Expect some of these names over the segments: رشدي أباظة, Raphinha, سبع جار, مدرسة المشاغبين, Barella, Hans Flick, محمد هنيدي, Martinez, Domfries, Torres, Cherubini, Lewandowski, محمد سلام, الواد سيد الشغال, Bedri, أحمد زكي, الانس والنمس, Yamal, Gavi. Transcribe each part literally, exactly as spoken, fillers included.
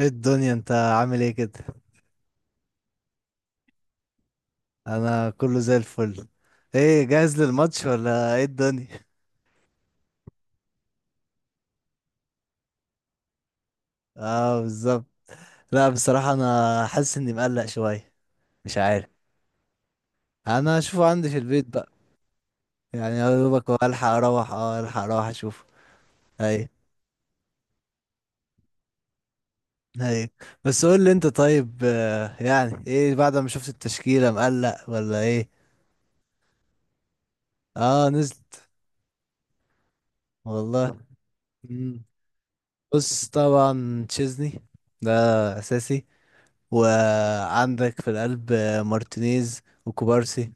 ايه الدنيا؟ انت عامل ايه كده؟ انا كله زي الفل. ايه، جاهز للماتش ولا ايه الدنيا؟ اه بالظبط. لا بصراحة انا حاسس اني مقلق شوية. مش عارف. انا هشوفه عندي في البيت بقى. يعني يا دوبك هو الحق اروح، اه، الحق اروح اشوفه. اي، اي. بس قول لي انت، طيب، آه، يعني ايه بعد ما شفت التشكيلة؟ مقلق ولا ايه؟ اه نزلت. والله. مم. بص، طبعا تشيزني ده اساسي، وعندك في القلب مارتينيز وكوبارسي.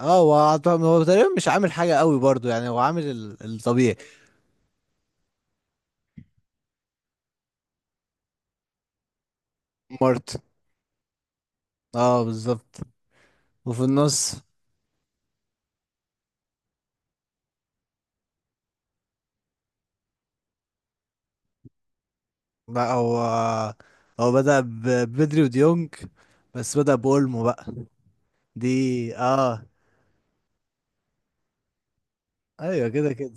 اه، هو عط- هو تقريبا مش عامل حاجة قوي برضو. يعني هو عامل ال- الطبيعي. مارت، اه بالظبط. وفي النص بقى، هو هو بدأ ب- بدري وديونج، بس بدأ بأولمو بقى. دي، اه ايوه كده كده.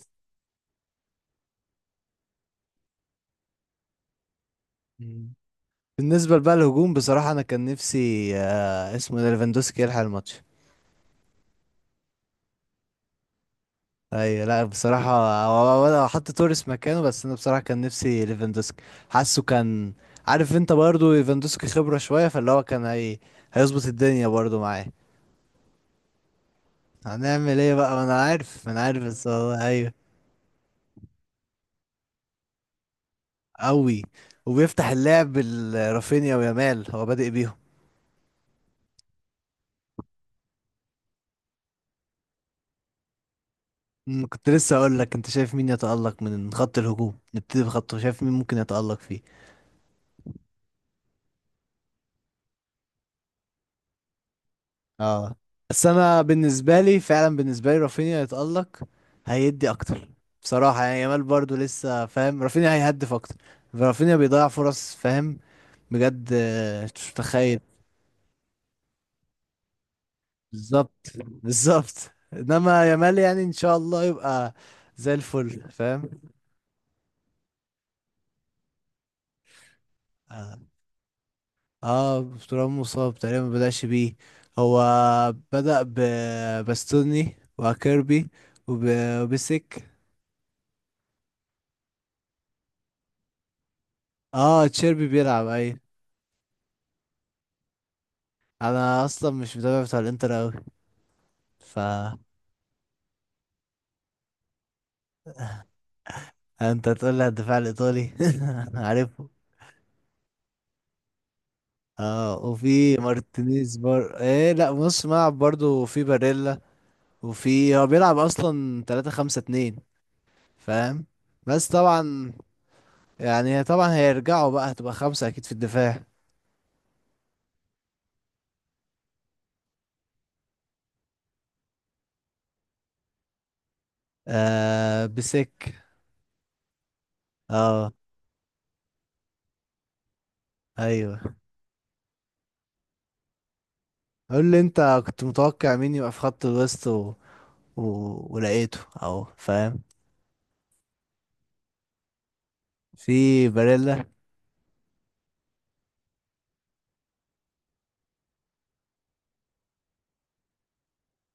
مم. بالنسبة بقى للهجوم، بصراحة انا كان نفسي، آه اسمه إيه ده، ليفاندوسكي يلحق الماتش. ايوه، لا بصراحة هو- هو انا حط توريس مكانه، بس انا بصراحة كان نفسي ليفاندوسكي، حاسه كان، عارف انت، برضو ليفاندوسكي خبرة شوية، فاللي هو كان هي... هيظبط الدنيا برضو معاه. هنعمل ايه بقى؟ ما انا عارف، ما انا عارف، بس والله ايوه. قوي، وبيفتح اللعب ال- رافينيا ويامال هو بادئ بيهم. أمم، كنت لسه اقول لك، انت شايف مين يتألق من خط الهجوم؟ نبتدي بخطه، شايف مين ممكن يتألق فيه. اه، بس انا بالنسبه لي فعلا، بالنسبه لي رافينيا يتالق، هيدي اكتر بصراحه. يعني يامال برضو لسه، فاهم؟ رافينيا هيهدف اكتر. رافينيا بيضيع فرص، فاهم؟ بجد، آه، مش متخيل. بالظبط، بالظبط. انما يامال يعني ان شاء الله يبقى زي الفل، فاهم؟ اه، آه، ترام مصاب تقريبا، ما بدأش بيه. هو بدأ بباستوني وكيربي، وب- وبسك. اه تشيربي بيلعب، اي. انا اصلا مش متابع بتاع الانتر اوي، ف انت تقول لي على الدفاع الايطالي؟ أنا عارفه. اه، وفي مارتينيز بار ايه، لا نص ملعب برضه، وفي باريلا، وفي، هو بيلعب اصلا تلاتة خمسة اثنين، فاهم؟ بس طبعا، يعني طبعا هيرجعوا بقى، هتبقى خمسة اكيد في الدفاع. آه بسك. اه ايوه. قول لي انت، كنت متوقع مين يبقى في خط الوسط و... و... ولقيته اهو، فاهم؟ في باريلا.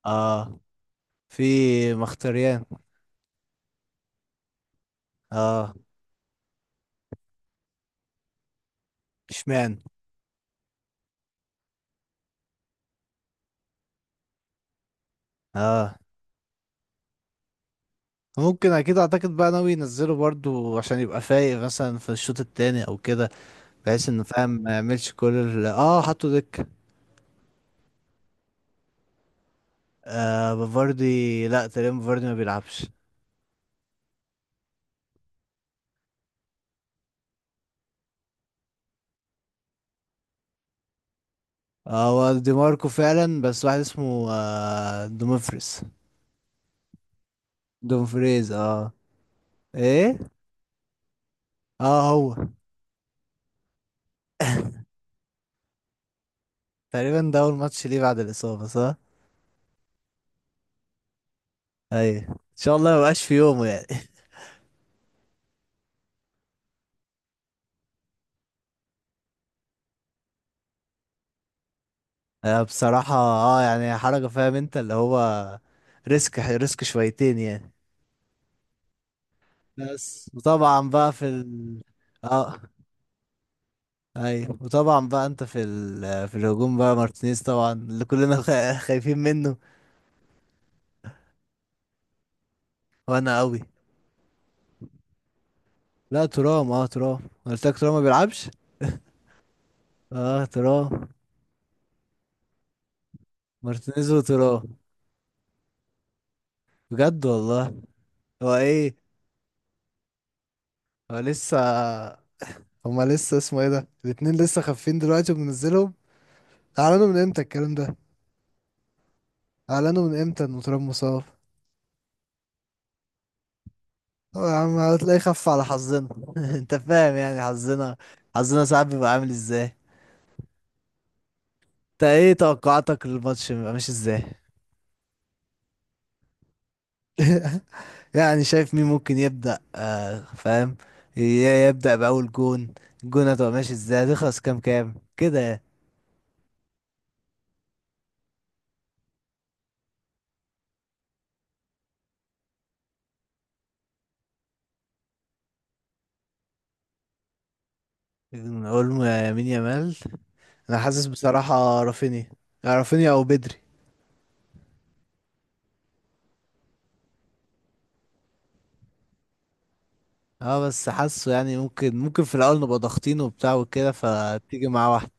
اه. في مختريان. اه. اشمعنى؟ اه ممكن، اكيد اعتقد بقى ناوي ينزله برضو، عشان يبقى فايق مثلا في الشوط التاني او كده. بحيث انه، فاهم، ما يعملش كل ال... اه حطوا دك. آه بفاردي، لا تقريبا بفاردي ما بيلعبش. اه، هو دي ماركو فعلا، بس واحد اسمه آه دومفريز. دومفريز، اه. ايه. اه، هو تقريبا ده اول ماتش ليه بعد الاصابة، صح. ايوه ان شاء الله ما يبقاش في يومه يعني. آه، بصراحة اه يعني حركة، فاهم انت اللي هو، ريسك، ريسك شويتين يعني. بس وطبعا بقى في ال، اه ايوه. وطبعا بقى انت في ال... في الهجوم بقى مارتينيز طبعا، اللي كلنا خا- خايفين منه. وانا قوي. لا ترام، اه ترام قلت لك، ترام ما بيلعبش. اه، ترام. مارتينيز وترام، بجد والله. هو ايه، هو لسه، هما لسه اسمه ايه ده، الاتنين لسه خافين دلوقتي وبنزلهم؟ اعلنوا من امتى الكلام ده؟ اعلنوا من امتى ان تراب مصاب؟ هو يا عم هتلاقيه خف على حظنا. انت فاهم يعني حظنا، حظنا ساعات بيبقى عامل ازاي. انت ايه توقعاتك للماتش؟ بيبقى ماشي ازاي يعني؟ شايف مين ممكن يبدأ، آه فاهم، ي- يبدأ بأول جون؟ الجون هتبقى ماشي ازاي؟ هتخلص كام كام كده يعني. اولمو، يا يمين يامال. انا حاسس بصراحة رافينيا، يا رافينيا او بدري. اه بس حاسه يعني، ممكن ممكن في الاول نبقى ضاغطين وبتاع وكده، فتيجي معاه واحد.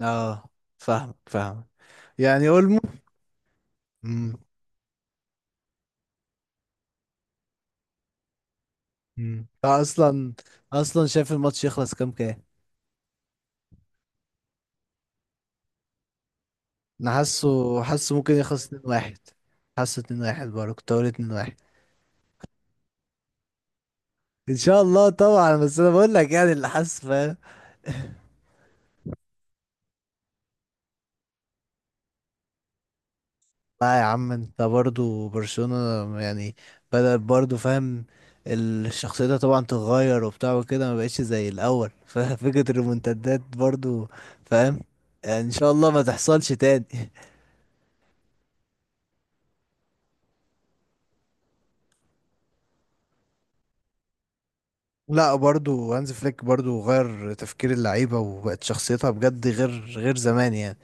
اه، فاهمك، فاهمك. يعني اولمو. مم. مم. اصلا. اصلا شايف الماتش يخلص كام كام؟ انا حاسه، حاسه ممكن يخلص اتنين واحد. حاسه اتنين واحد. برضه كنت هقول اتنين واحد. ان شاء الله طبعا، بس انا بقول لك يعني اللي حاسه، فاهم؟ لا يا عم، انت برضه برشلونة يعني، بدأت برضه، فاهم؟ الشخصية ده طبعا تتغير وبتاع وكده، ما بقتش زي الاول. ففكرة الريمونتادات برضه، فاهم يعني، ان شاء الله ما تحصلش تاني. لا برضو هانز فليك برضو غير تفكير اللعيبة، وبقت شخصيتها بجد، غير غير زمان يعني.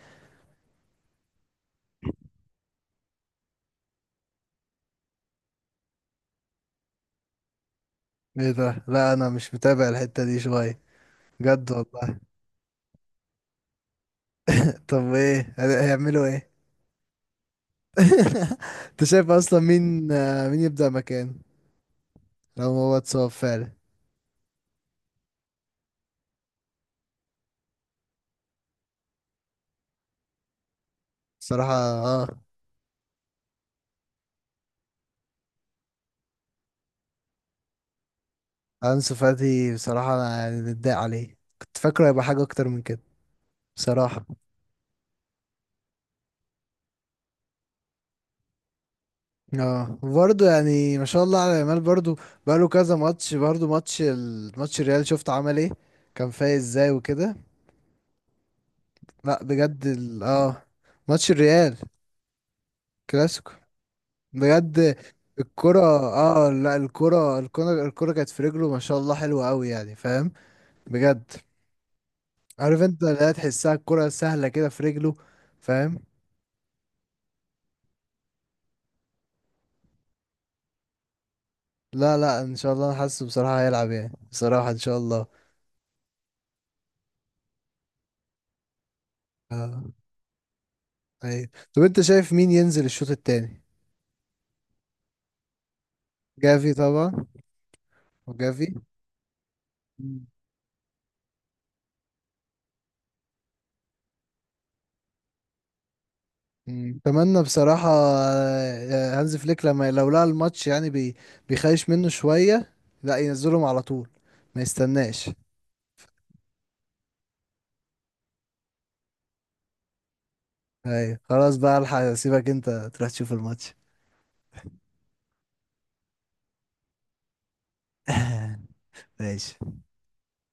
ايه ده؟ لا انا مش متابع الحتة دي شوية، بجد والله. طب ايه، هي- هيعملوا ايه؟ انت شايف اصلا مين، آه، مين يبدأ مكان، لو هو اتصاب فعلا؟ بصراحة اه. انسو فاتي بصراحة انا يعني متضايق عليه، كنت فاكره هيبقى حاجة اكتر من كده، بصراحة. اه برضه، يعني ما شاء الله على يامال برضه. بقاله كذا ماتش برضه، ماتش الماتش الريال شفت عمل ايه؟ كان فايق ازاي وكده. لا بجد ال... اه ماتش الريال، كلاسيكو. بجد الكرة، اه لا، الكرة الكرة الكرة كانت في رجله، ما شاء الله حلوة قوي يعني، فاهم؟ بجد. عارف انت، لا تحسها الكرة سهلة كده في رجله، فاهم؟ لا، لا، ان شاء الله انا حاسه بصراحة هيلعب يعني، بصراحة ان شاء الله. اه ايوه. طب انت شايف مين ينزل الشوط التاني؟ جافي طبعا. وجافي. مم. مم. اتمنى بصراحة، آه، آه، هانز فليك لما لو لقى الماتش يعني، بي بيخايش منه شوية، لا ينزلهم على طول، ما يستناش. ايوه خلاص بقى، الحق اسيبك انت تروح تشوف الماتش. ماشي.